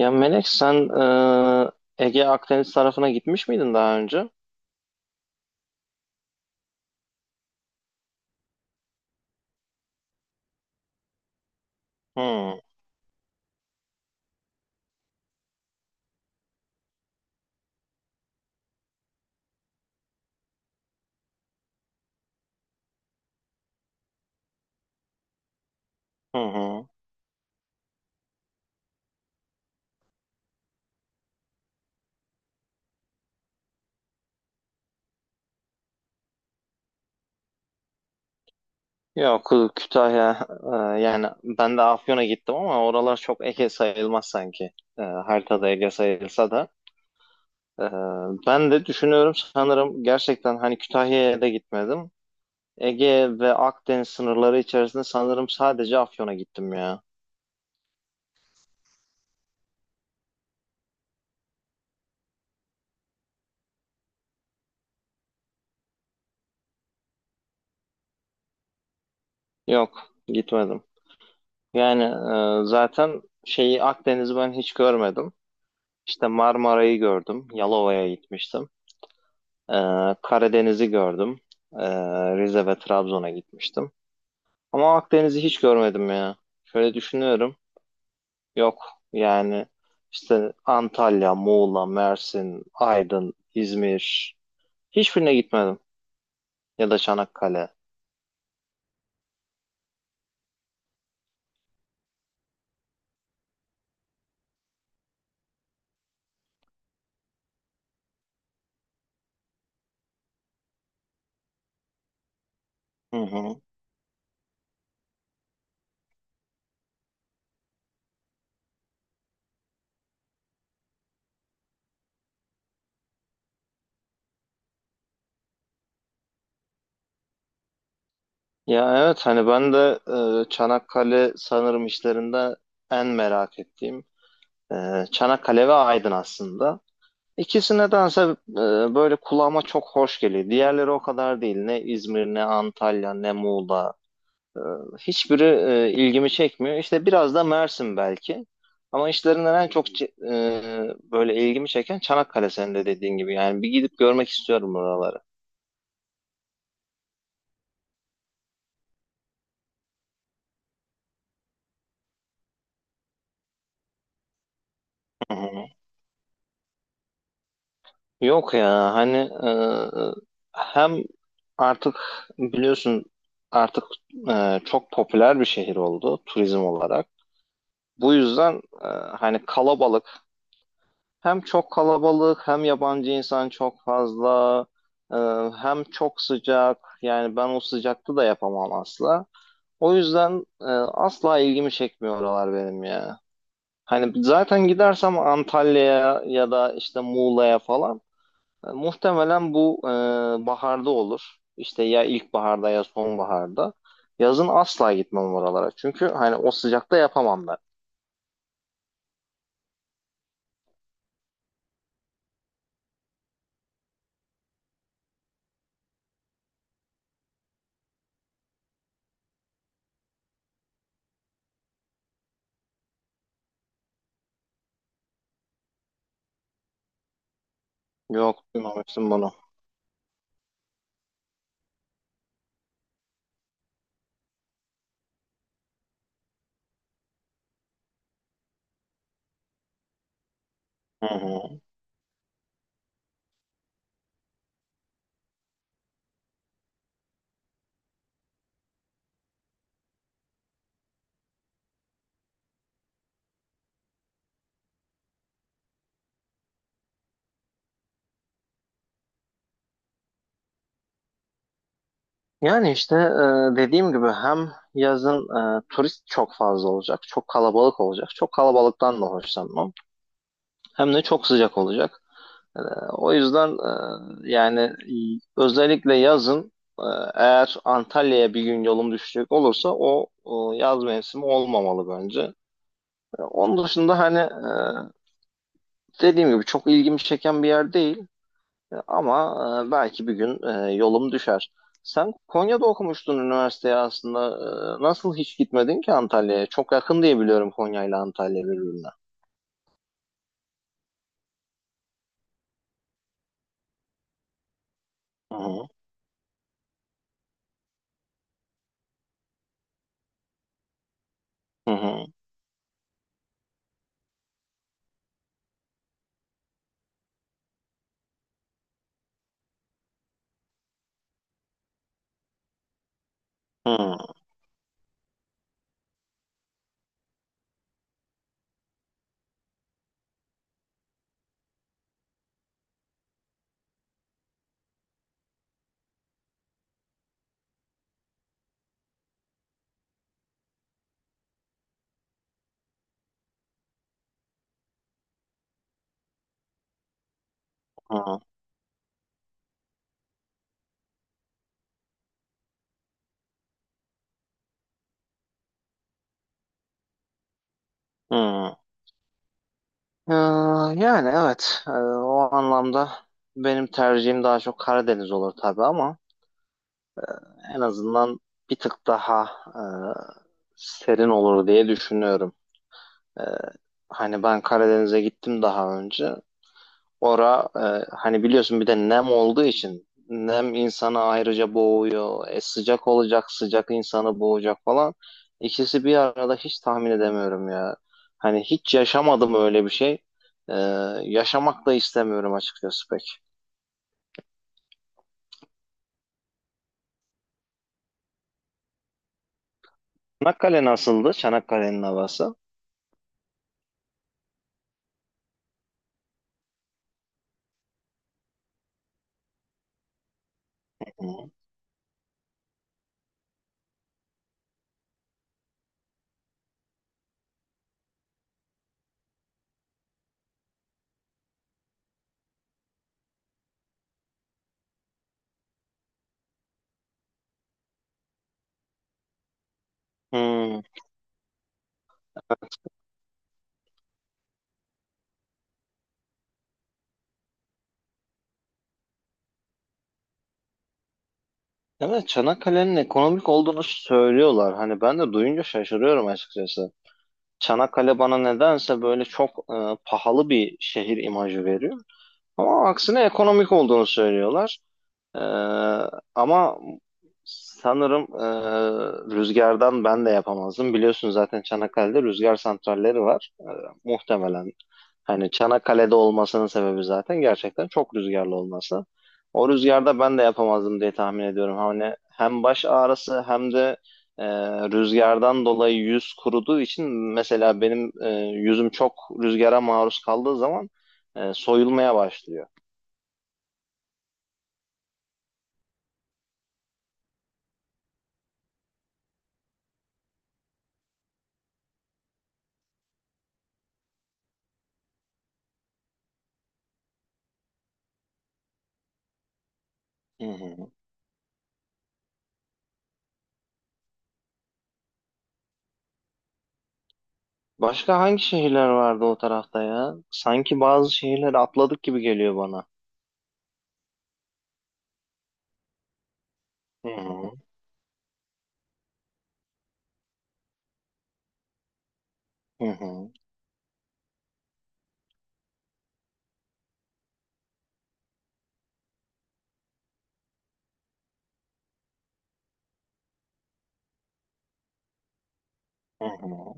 Ya Melek sen Ege Akdeniz tarafına gitmiş miydin daha önce? Hı hı hı. Yok Kütahya yani ben de Afyon'a gittim ama oralar çok Ege sayılmaz sanki. E, haritada Ege sayılsa da. E, Ben de düşünüyorum sanırım gerçekten hani Kütahya'ya da gitmedim. Ege ve Akdeniz sınırları içerisinde sanırım sadece Afyon'a gittim ya. Yok gitmedim. Yani zaten şeyi Akdeniz'i ben hiç görmedim. İşte Marmara'yı gördüm. Yalova'ya gitmiştim. Ee, Karadeniz'i gördüm. Ee, Rize ve Trabzon'a gitmiştim. Ama Akdeniz'i hiç görmedim ya. Şöyle düşünüyorum. Yok yani işte Antalya, Muğla, Mersin, Aydın, İzmir. Hiçbirine gitmedim. Ya da Çanakkale. Hı hı. Ya evet hani ben de Çanakkale sanırım işlerinde en merak ettiğim e, Çanakkale ve Aydın aslında. İkisine dense e, böyle kulağıma çok hoş geliyor. Diğerleri o kadar değil. Ne İzmir, ne Antalya, ne Muğla. E, Hiçbiri ilgimi çekmiyor. İşte biraz da Mersin belki. Ama işlerinden en çok böyle ilgimi çeken Çanakkale senin de dediğin gibi. Yani bir gidip görmek istiyorum buraları. Hı hı. Yok ya hani hem artık biliyorsun artık çok popüler bir şehir oldu turizm olarak. Bu yüzden hani kalabalık. Hem çok kalabalık, hem yabancı insan çok fazla, e, hem çok sıcak. Yani ben o sıcakta da yapamam asla. O yüzden asla ilgimi çekmiyor oralar benim ya. Hani zaten gidersem Antalya'ya ya da işte Muğla'ya falan muhtemelen bu baharda olur. İşte ya ilkbaharda ya sonbaharda. Yazın asla gitmem oralara. Çünkü hani o sıcakta yapamam ben. Yok, duymamıştım bunu. Hı hı. Yani işte dediğim gibi hem yazın turist çok fazla olacak, çok kalabalık olacak. Çok kalabalıktan da hoşlanmam. Hem de çok sıcak olacak. E, O yüzden yani y- özellikle yazın e, eğer Antalya'ya bir gün yolum düşecek olursa o yaz mevsimi olmamalı bence. Onun dışında hani dediğim gibi çok ilgimi çeken bir yer değil. Ama belki bir gün yolum düşer. Sen Konya'da okumuştun üniversiteye aslında. Nasıl hiç gitmedin ki Antalya'ya? Çok yakın diye biliyorum Konya ile Antalya birbirine. Hı hı, hı hı, hı hı, hı. Ee, Yani evet, o anlamda benim tercihim daha çok Karadeniz olur tabii ama en azından bir tık daha serin olur diye düşünüyorum. E, Hani ben Karadeniz'e gittim daha önce. Ora hani biliyorsun bir de nem olduğu için nem insanı ayrıca boğuyor. Sıcak olacak, sıcak insanı boğacak falan. İkisi bir arada hiç tahmin edemiyorum ya. Hani hiç yaşamadım öyle bir şey. E, Yaşamak da istemiyorum açıkçası pek. Çanakkale nasıldı? Çanakkale'nin havası. Hı. Hmm. Evet, Çanakkale'nin ekonomik olduğunu söylüyorlar. Hani ben de duyunca şaşırıyorum açıkçası. Çanakkale bana nedense böyle çok pahalı bir şehir imajı veriyor. Ama aksine ekonomik olduğunu söylüyorlar. Ee, Ama sanırım rüzgardan ben de yapamazdım. Biliyorsun zaten Çanakkale'de rüzgar santralleri var. Muhtemelen hani Çanakkale'de olmasının sebebi zaten gerçekten çok rüzgarlı olması. O rüzgarda ben de yapamazdım diye tahmin ediyorum. Hani hem baş ağrısı hem de e, rüzgardan dolayı yüz kuruduğu için mesela benim yüzüm çok rüzgara maruz kaldığı zaman soyulmaya başlıyor. Hı hı. Başka hangi şehirler vardı o tarafta ya? Sanki bazı şehirleri atladık gibi geliyor bana. Hı hı. Hı hı. Hı hı.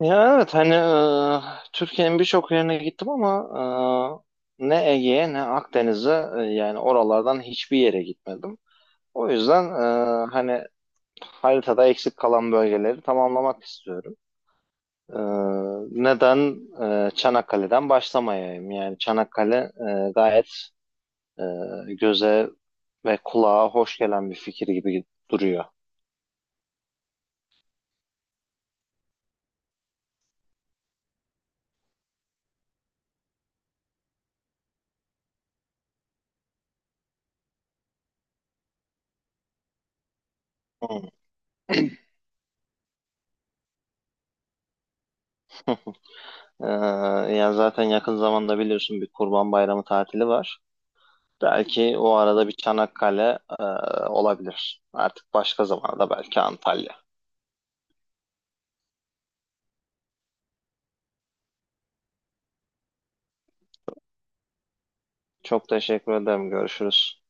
Ya evet hani Türkiye'nin birçok yerine gittim ama ne Ege'ye ne Akdeniz'e yani oralardan hiçbir yere gitmedim. O yüzden hani haritada eksik kalan bölgeleri tamamlamak istiyorum. E, Neden Çanakkale'den başlamayayım? Yani Çanakkale gayet göze ve kulağa hoş gelen bir fikir gibi duruyor. Ee, Yani zaten yakın zamanda biliyorsun bir Kurban Bayramı tatili var. Belki o arada bir Çanakkale olabilir. Artık başka zamanda belki Antalya. Çok teşekkür ederim. Görüşürüz.